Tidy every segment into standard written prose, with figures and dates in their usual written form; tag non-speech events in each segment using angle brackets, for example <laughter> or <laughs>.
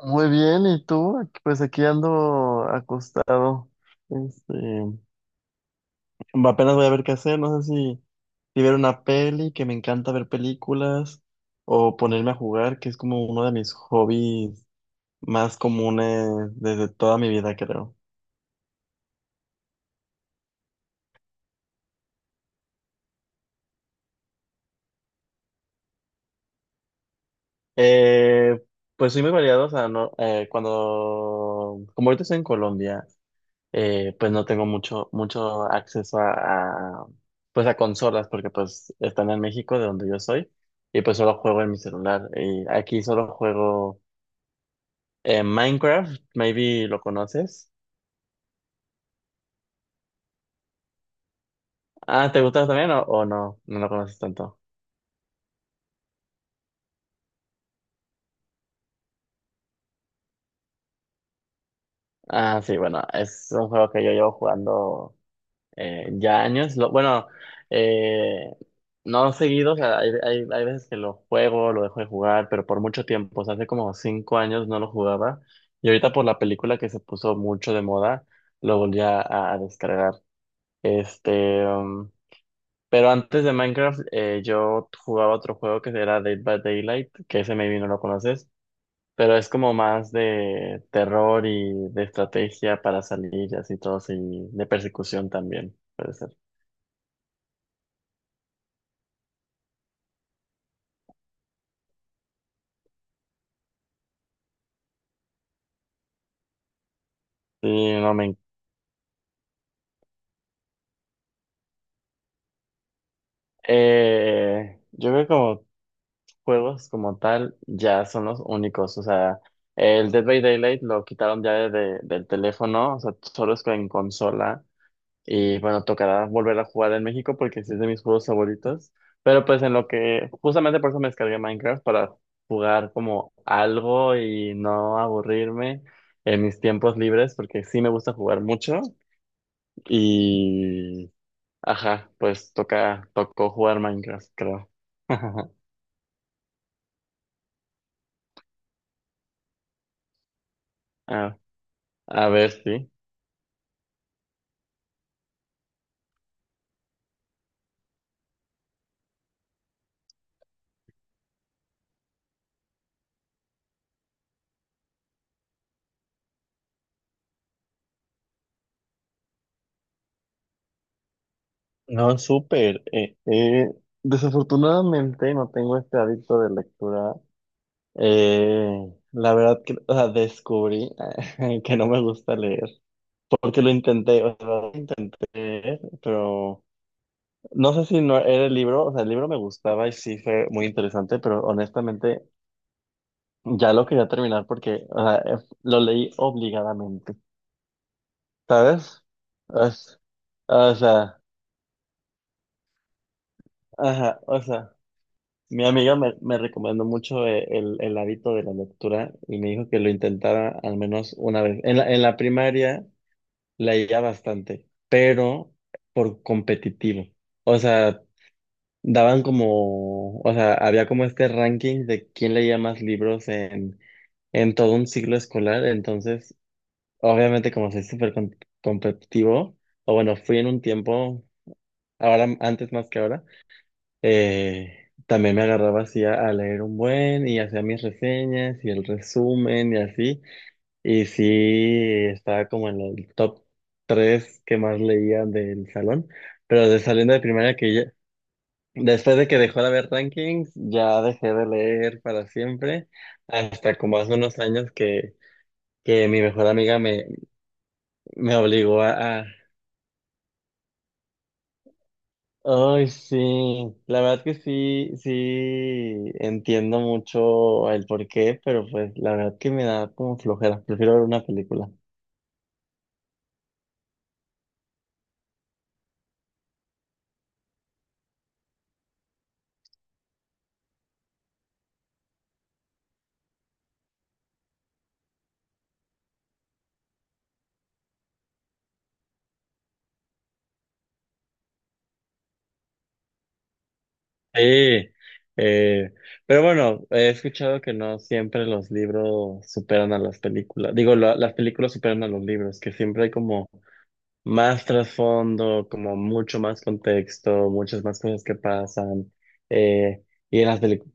Muy bien, ¿y tú? Aquí- Pues aquí ando acostado. Este, Apenas voy a ver qué hacer, no sé si ver una peli, que me encanta ver películas, o ponerme a jugar, que es como uno de mis hobbies más comunes desde toda mi vida, creo. Eh, pues soy muy variado, o sea, no, cuando, como ahorita estoy en Colombia, pues no tengo mucho acceso a, pues a consolas, porque pues están en México, de donde yo soy, y pues solo juego en mi celular. Y aquí solo juego Minecraft, maybe lo conoces. Ah, ¿te gusta también o no? No lo conoces tanto. Ah, sí, bueno, es un juego que yo llevo jugando, ya años. Bueno, eh, no seguido, o sea, hay veces que lo juego, lo dejo de jugar, pero por mucho tiempo, o sea, hace como cinco años no lo jugaba. Y ahorita, por la película que se puso mucho de moda, lo volví a descargar. Este, um, pero antes de Minecraft, yo jugaba otro juego que era Dead by Daylight, que ese maybe no lo conoces, pero es como más de terror y de estrategia para salir y así todos, y de persecución también. Puede ser. Sí, no me... Yo creo que como juegos como tal ya son los únicos, o sea, el Dead by Daylight lo quitaron ya del teléfono, o sea, solo es en consola. Y bueno, tocará volver a jugar en México, porque sí es de mis juegos favoritos, pero pues en lo que, justamente por eso me descargué Minecraft para jugar como algo y no aburrirme en mis tiempos libres, porque sí me gusta jugar mucho. y Ajá, pues tocó jugar Minecraft, creo. <laughs> A, a ver, sí. No, súper. Desafortunadamente no tengo este hábito de lectura. La verdad que, o sea, descubrí <laughs> que no me gusta leer, porque lo intenté, o sea, lo intenté leer, pero no sé si no era el libro, o sea, el libro me gustaba y sí fue muy interesante, pero honestamente ya lo quería terminar porque, o sea, lo leí obligadamente. ¿Sabes? O, s- o sea, ajá, o sea, mi amiga me recomendó mucho, el hábito de la lectura, y me dijo que lo intentara al menos una vez. En la primaria leía bastante, pero por competitivo. O sea, daban como, o sea, había como este ranking de quién leía más libros en todo un ciclo escolar, entonces, obviamente como soy súper com- competitivo, o bueno, fui en un tiempo, ahora antes más que ahora, también me agarraba así a leer un buen y hacía mis reseñas y el resumen y así, y sí estaba como en el top tres que más leía del salón, pero de saliendo de primaria que ya, después de que dejó de haber rankings, ya dejé de leer para siempre, hasta como hace unos años que mi mejor amiga me obligó a... Ay, sí, la verdad que sí, sí, entiendo mucho el porqué, pero pues la verdad que me da como flojera, prefiero ver una película. Sí, eh, pero bueno, he escuchado que no siempre los libros superan a las películas, digo, la- las películas superan a los libros, que siempre hay como más trasfondo, como mucho más contexto, muchas más cosas que pasan, eh, y en las películas.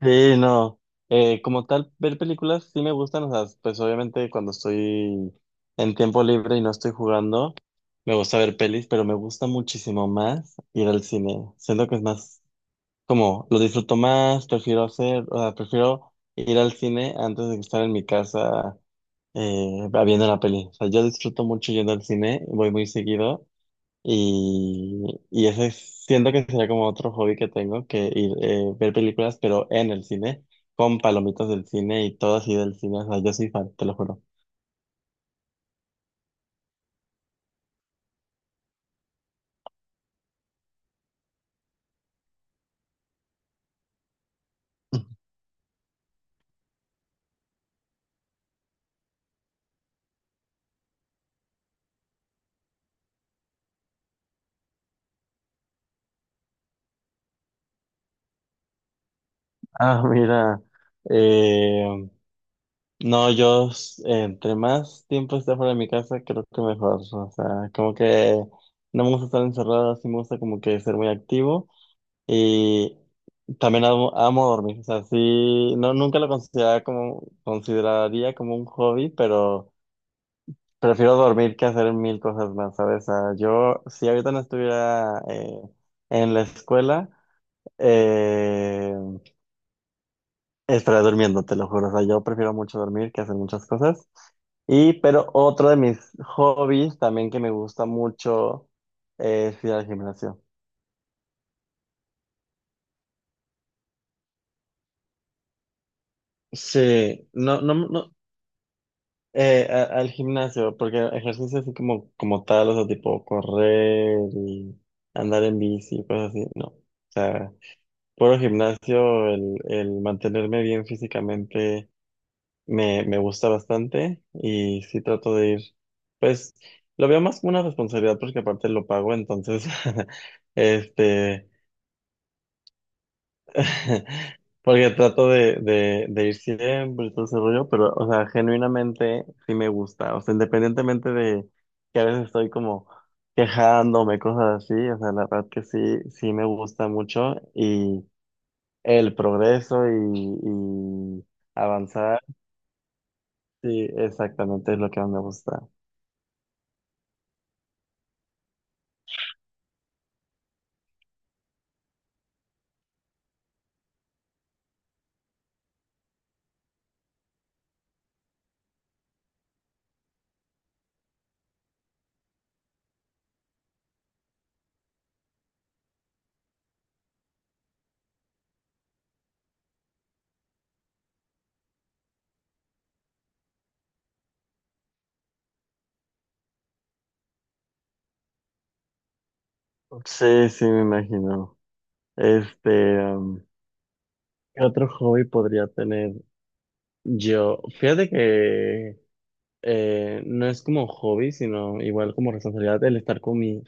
Sí, no. Como tal, ver películas sí me gustan, o sea, pues obviamente cuando estoy en tiempo libre y no estoy jugando, me gusta ver pelis, pero me gusta muchísimo más ir al cine. Siento que es más, como, lo disfruto más, prefiero hacer, o sea, prefiero ir al cine antes de estar en mi casa viendo la peli. O sea, yo disfruto mucho yendo al cine, voy muy seguido y ese es- siento que sería como otro hobby que tengo, que ir ver películas, pero en el cine, con palomitas del cine y todo así del cine. O sea, yo soy fan, te lo juro. <laughs> Ah, mira, eh, no, yo s- entre más tiempo esté fuera de mi casa, creo que mejor. O sea, como que no me gusta estar encerrado, sí me gusta como que ser muy activo. Y también amo, amo dormir. O sea, sí, no, nunca lo consideraba como, consideraría como un hobby, pero. Prefiero dormir que hacer mil cosas más, ¿sabes? Ah, yo, si ahorita no estuviera en la escuela, eh, estaría durmiendo, te lo juro. O sea, yo prefiero mucho dormir que hacer muchas cosas. Y, pero otro de mis hobbies también que me gusta mucho es ir al gimnasio. Sí, no, no, no, a- al gimnasio, porque ejercicio así como, como tal, o sea, tipo correr y andar en bici, cosas así, no. O sea, puro gimnasio, el mantenerme bien físicamente me gusta bastante y sí trato de ir, pues lo veo más como una responsabilidad porque aparte lo pago, entonces, <laughs> este, <laughs> porque trato de ir siempre y todo ese rollo, pero, o sea, genuinamente sí me gusta, o sea, independientemente de que a veces estoy como quejándome, cosas así, o sea, la verdad que sí, sí me gusta mucho y... El progreso y avanzar, sí, exactamente es lo que más me gusta. Sí, sí, me imagino. Este, um, ¿Qué otro hobby podría tener yo? Fíjate que no es como hobby, sino igual como responsabilidad el estar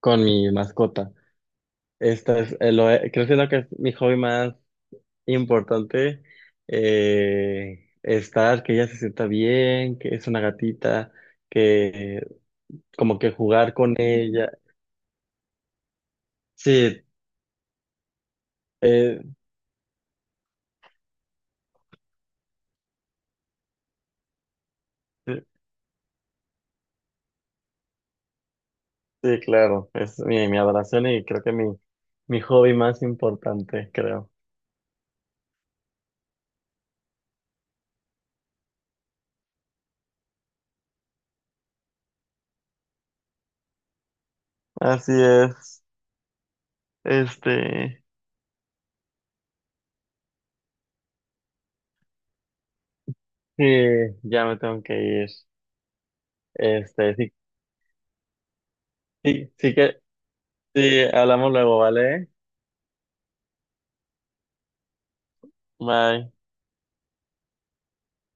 con mi mascota. Esta es, lo, he- creo que es lo que es mi hobby más importante, estar, que ella se sienta bien, que es una gatita, que como que jugar con ella. Sí, eh, sí, sí, claro, es mi, mi adoración y creo que mi hobby más importante, creo. Así es, este, sí, ya me tengo que ir. Este, sí, sí, sí que, sí, hablamos luego, ¿vale? Bye.